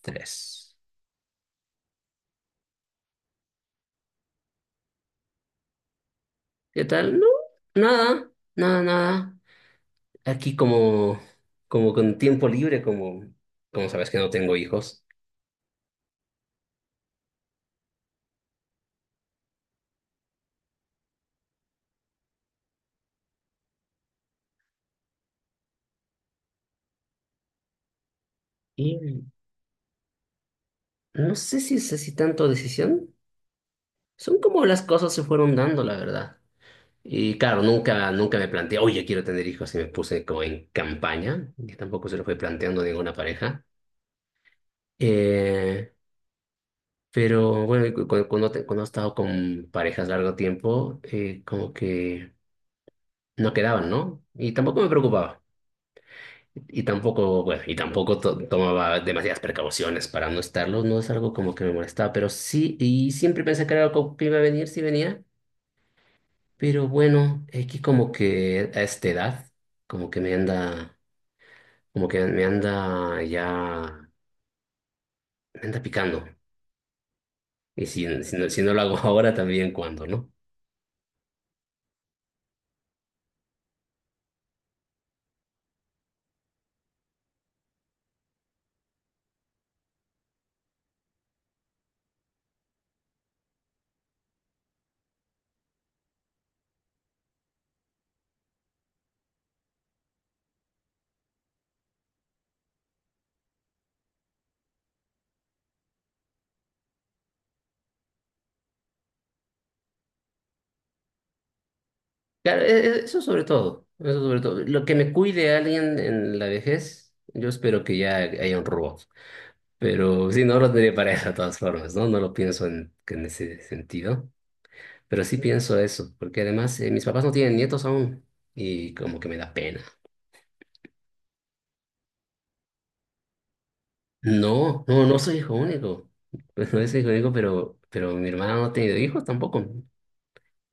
Tres. ¿Qué tal? No, nada, nada, nada. Aquí como con tiempo libre, como sabes que no tengo hijos. Y no sé si es así tanto decisión. Son como las cosas se fueron dando, la verdad. Y claro, nunca me planteé, oye, quiero tener hijos y me puse como en campaña, que tampoco se lo fue planteando a ninguna pareja. Eh, pero bueno, cuando he estado con parejas largo tiempo, como que no quedaban, ¿no? Y tampoco me preocupaba. Y tampoco, bueno, y tampoco tomaba demasiadas precauciones para no estarlo. No es algo como que me molestaba, pero sí, y siempre pensé que era algo que iba a venir, sí venía. Pero bueno, aquí como que a esta edad, como que me anda, como que me anda ya, me anda picando. Y si no lo hago ahora, también cuando, ¿no? Claro, eso sobre todo, eso sobre todo. Lo que me cuide alguien en la vejez, yo espero que ya haya un robot. Pero sí, no lo tendría pareja de todas formas, ¿no? No lo pienso en ese sentido. Pero sí pienso eso, porque además mis papás no tienen nietos aún y como que me da pena. No, no, no soy hijo único. Pues no soy hijo único, pero mi hermana no ha tenido hijos tampoco.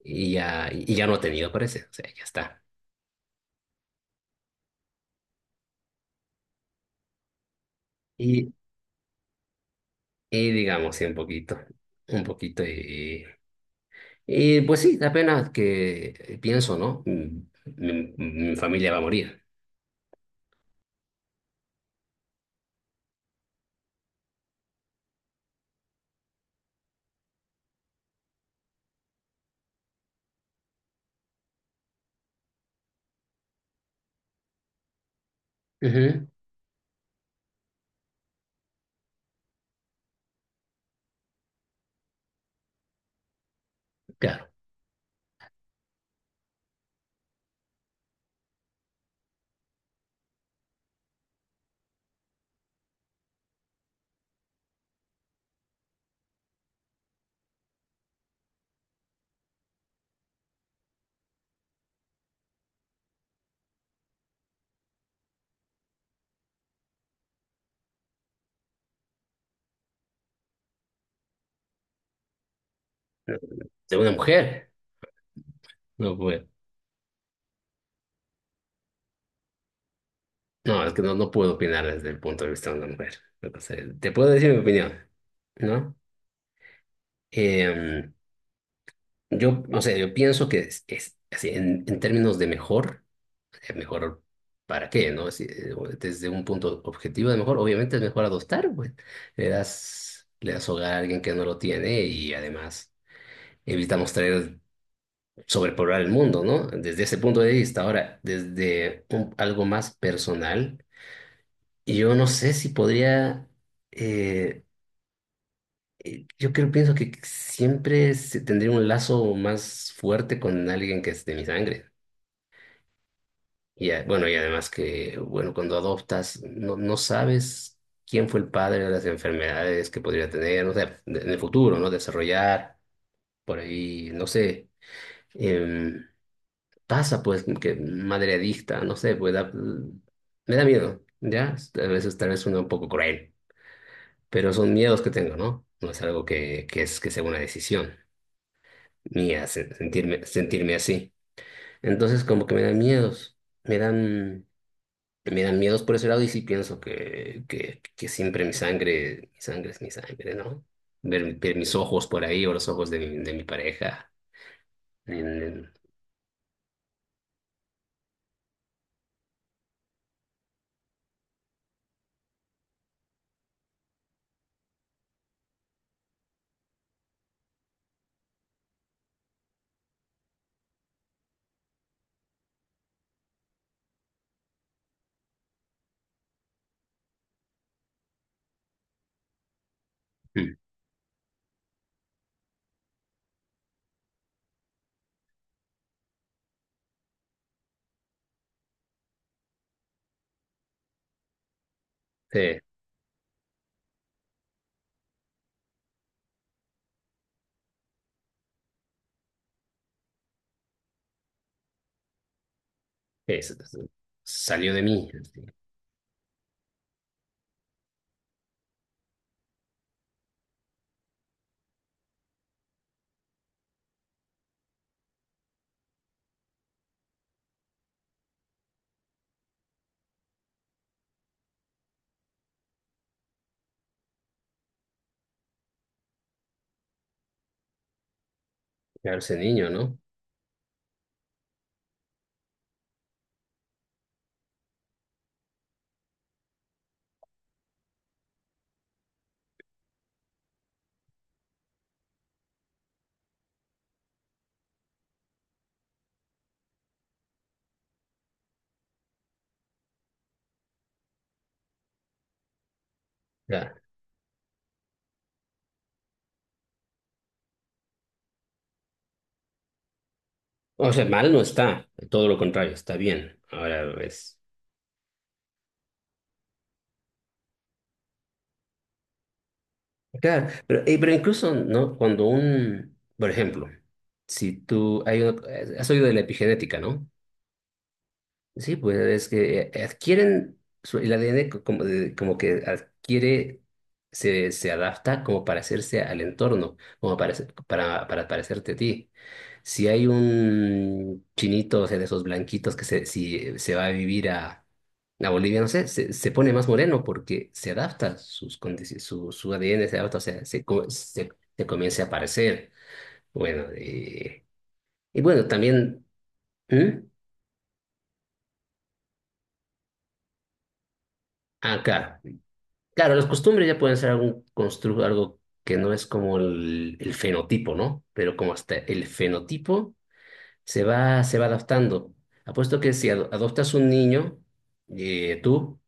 Y ya no ha tenido, parece. O sea, ya está. Y, y digamos, sí, un poquito, un poquito. Y pues sí, da pena que pienso, ¿no? Mi familia va a morir. Ujú, claro. De una mujer. No puedo. No, es que no puedo opinar desde el punto de vista de una mujer. O sea, te puedo decir mi opinión, ¿no? Em, o sea, yo pienso que es así, en términos de mejor, mejor para qué, ¿no? Si, o desde un punto objetivo de mejor, obviamente es mejor adoptar, pues. Le das hogar a alguien que no lo tiene y además evitamos traer, sobrepoblar el mundo, ¿no? Desde ese punto de vista. Ahora, desde algo más personal. Y yo no sé si podría, eh, yo creo, pienso que siempre tendría un lazo más fuerte con alguien que es de mi sangre. Y bueno, y además que, bueno, cuando adoptas, no sabes quién fue el padre de las enfermedades que podría tener, no sé, en el futuro, ¿no? Desarrollar, por ahí, no sé, em, pasa pues que madre adicta, no sé, pues me da miedo, ¿ya? A veces tal vez uno un poco cruel. Pero son miedos que tengo, ¿no? No es algo que, es que sea una decisión mía sentirme así. Entonces como que me dan miedos, me dan, me dan miedos por ese lado y sí pienso que siempre mi sangre es mi sangre, ¿no? Ver mis ojos por ahí o los ojos de mi pareja. en- en- Mm. Sí, es- es- salió de mí, claro, ese niño, ¿no? Ya. O sea, mal no está, todo lo contrario, está bien. Ahora es Claro, pero incluso, ¿no? Cuando por ejemplo, si tú, hay, has oído de la epigenética, ¿no? Sí, pues es que adquieren, el ADN como, como que adquiere, se adapta como para hacerse al entorno, como para, para parecerte a ti. Si hay un chinito, o sea, de esos blanquitos si se va a vivir a, Bolivia, no sé, se pone más moreno porque se adapta, sus su ADN se adapta, o sea, se comienza a parecer. Bueno, y bueno, también... ¿Mm? Ah, claro. Claro, las costumbres ya pueden ser algún algo que no es como el fenotipo, ¿no? Pero como hasta el fenotipo se va adaptando. Apuesto que si adoptas un niño, tú,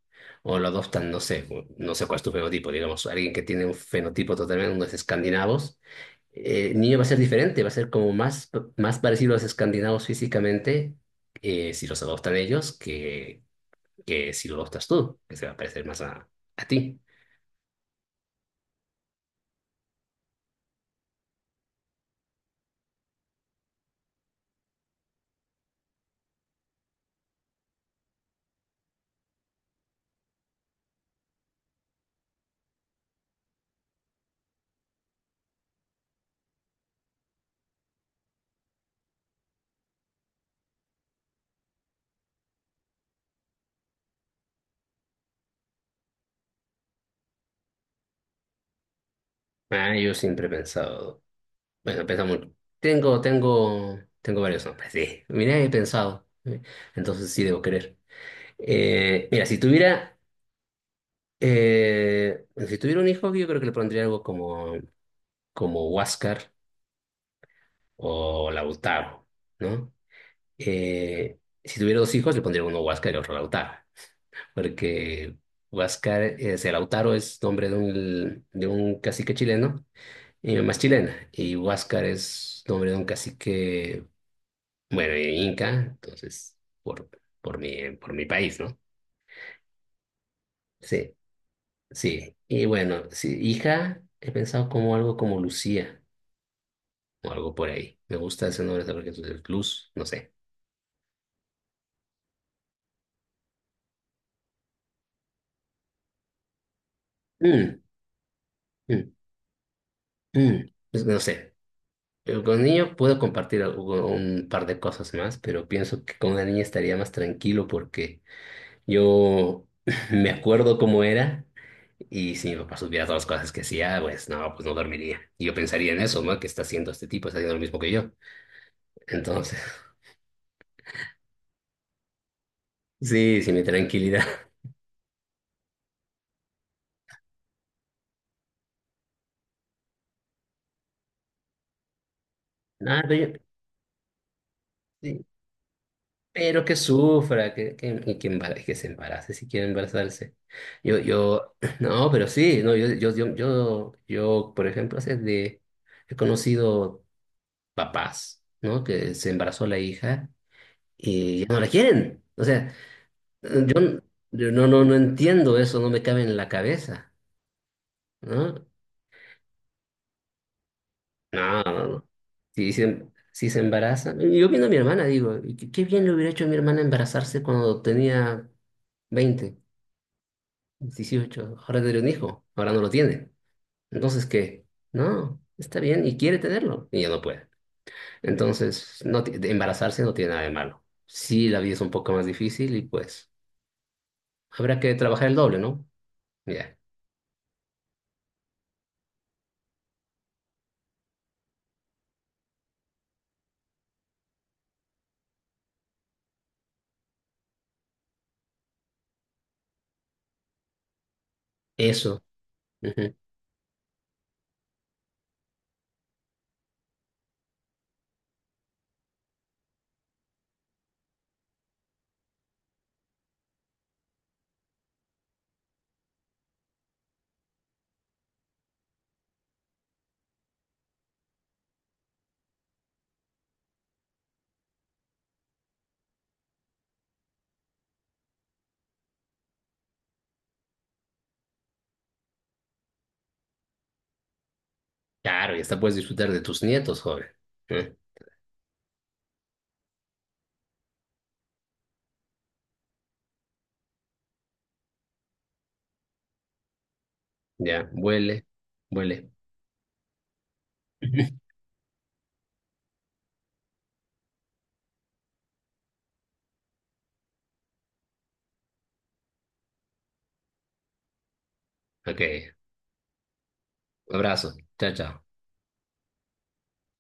o lo adoptan, no sé cuál es tu fenotipo, digamos, alguien que tiene un fenotipo totalmente, unos escandinavos, el niño va a ser diferente, va a ser como más, más parecido a los escandinavos físicamente, si los adoptan ellos, que si lo adoptas tú, que se va a parecer más a ti. Ah, yo siempre he pensado, bueno, he pensado mucho. Tengo varios nombres, sí. Mira, he pensado. ¿Eh? Entonces sí debo querer. Mira, si tuviera un hijo, yo creo que le pondría algo como Huáscar o Lautaro, ¿no? Eh, si tuviera dos hijos, le pondría uno Huáscar y otro Lautaro, porque Huáscar, o sea, Lautaro es nombre de un cacique chileno. Mi mamá es chilena y Huáscar es nombre de un cacique, bueno, inca, entonces, por, por mi país, ¿no? Sí, sí. Y bueno, sí, hija, he pensado como algo como Lucía o algo por ahí. Me gusta ese nombre también, que entonces Luz, no sé. Mm, mm, mm, pues, no sé. Pero con niño puedo compartir un par de cosas más, pero pienso que con una niña estaría más tranquilo porque yo me acuerdo cómo era y si mi papá supiera todas las cosas que hacía, pues no dormiría. Y yo pensaría en eso, ¿no? ¿Qué está haciendo este tipo? Está haciendo lo mismo que yo. Entonces, sí, sí, mi tranquilidad. Nada, pero, sí, pero que sufra, que se embarace si quiere embarazarse. No, pero sí, no, yo, por ejemplo, he conocido papás, ¿no? Que se embarazó la hija y ya no la quieren. O sea, Yo, n- yo no entiendo eso, no me cabe en la cabeza, ¿no? No, no, no. Si se embaraza. Yo viendo a mi hermana, digo, y qué bien le hubiera hecho a mi hermana embarazarse cuando tenía 20, 18. Ahora tiene un hijo, ahora no lo tiene. Entonces, ¿qué? No, está bien y quiere tenerlo, y ya no puede. Entonces, no, de embarazarse no tiene nada de malo. Sí, la vida es un poco más difícil y pues habrá que trabajar el doble, ¿no? Ya, eso. Claro, y hasta puedes disfrutar de tus nietos, joven. ¿Eh? Ya, vuele, vuele. Ok, abrazo. Chao, chao.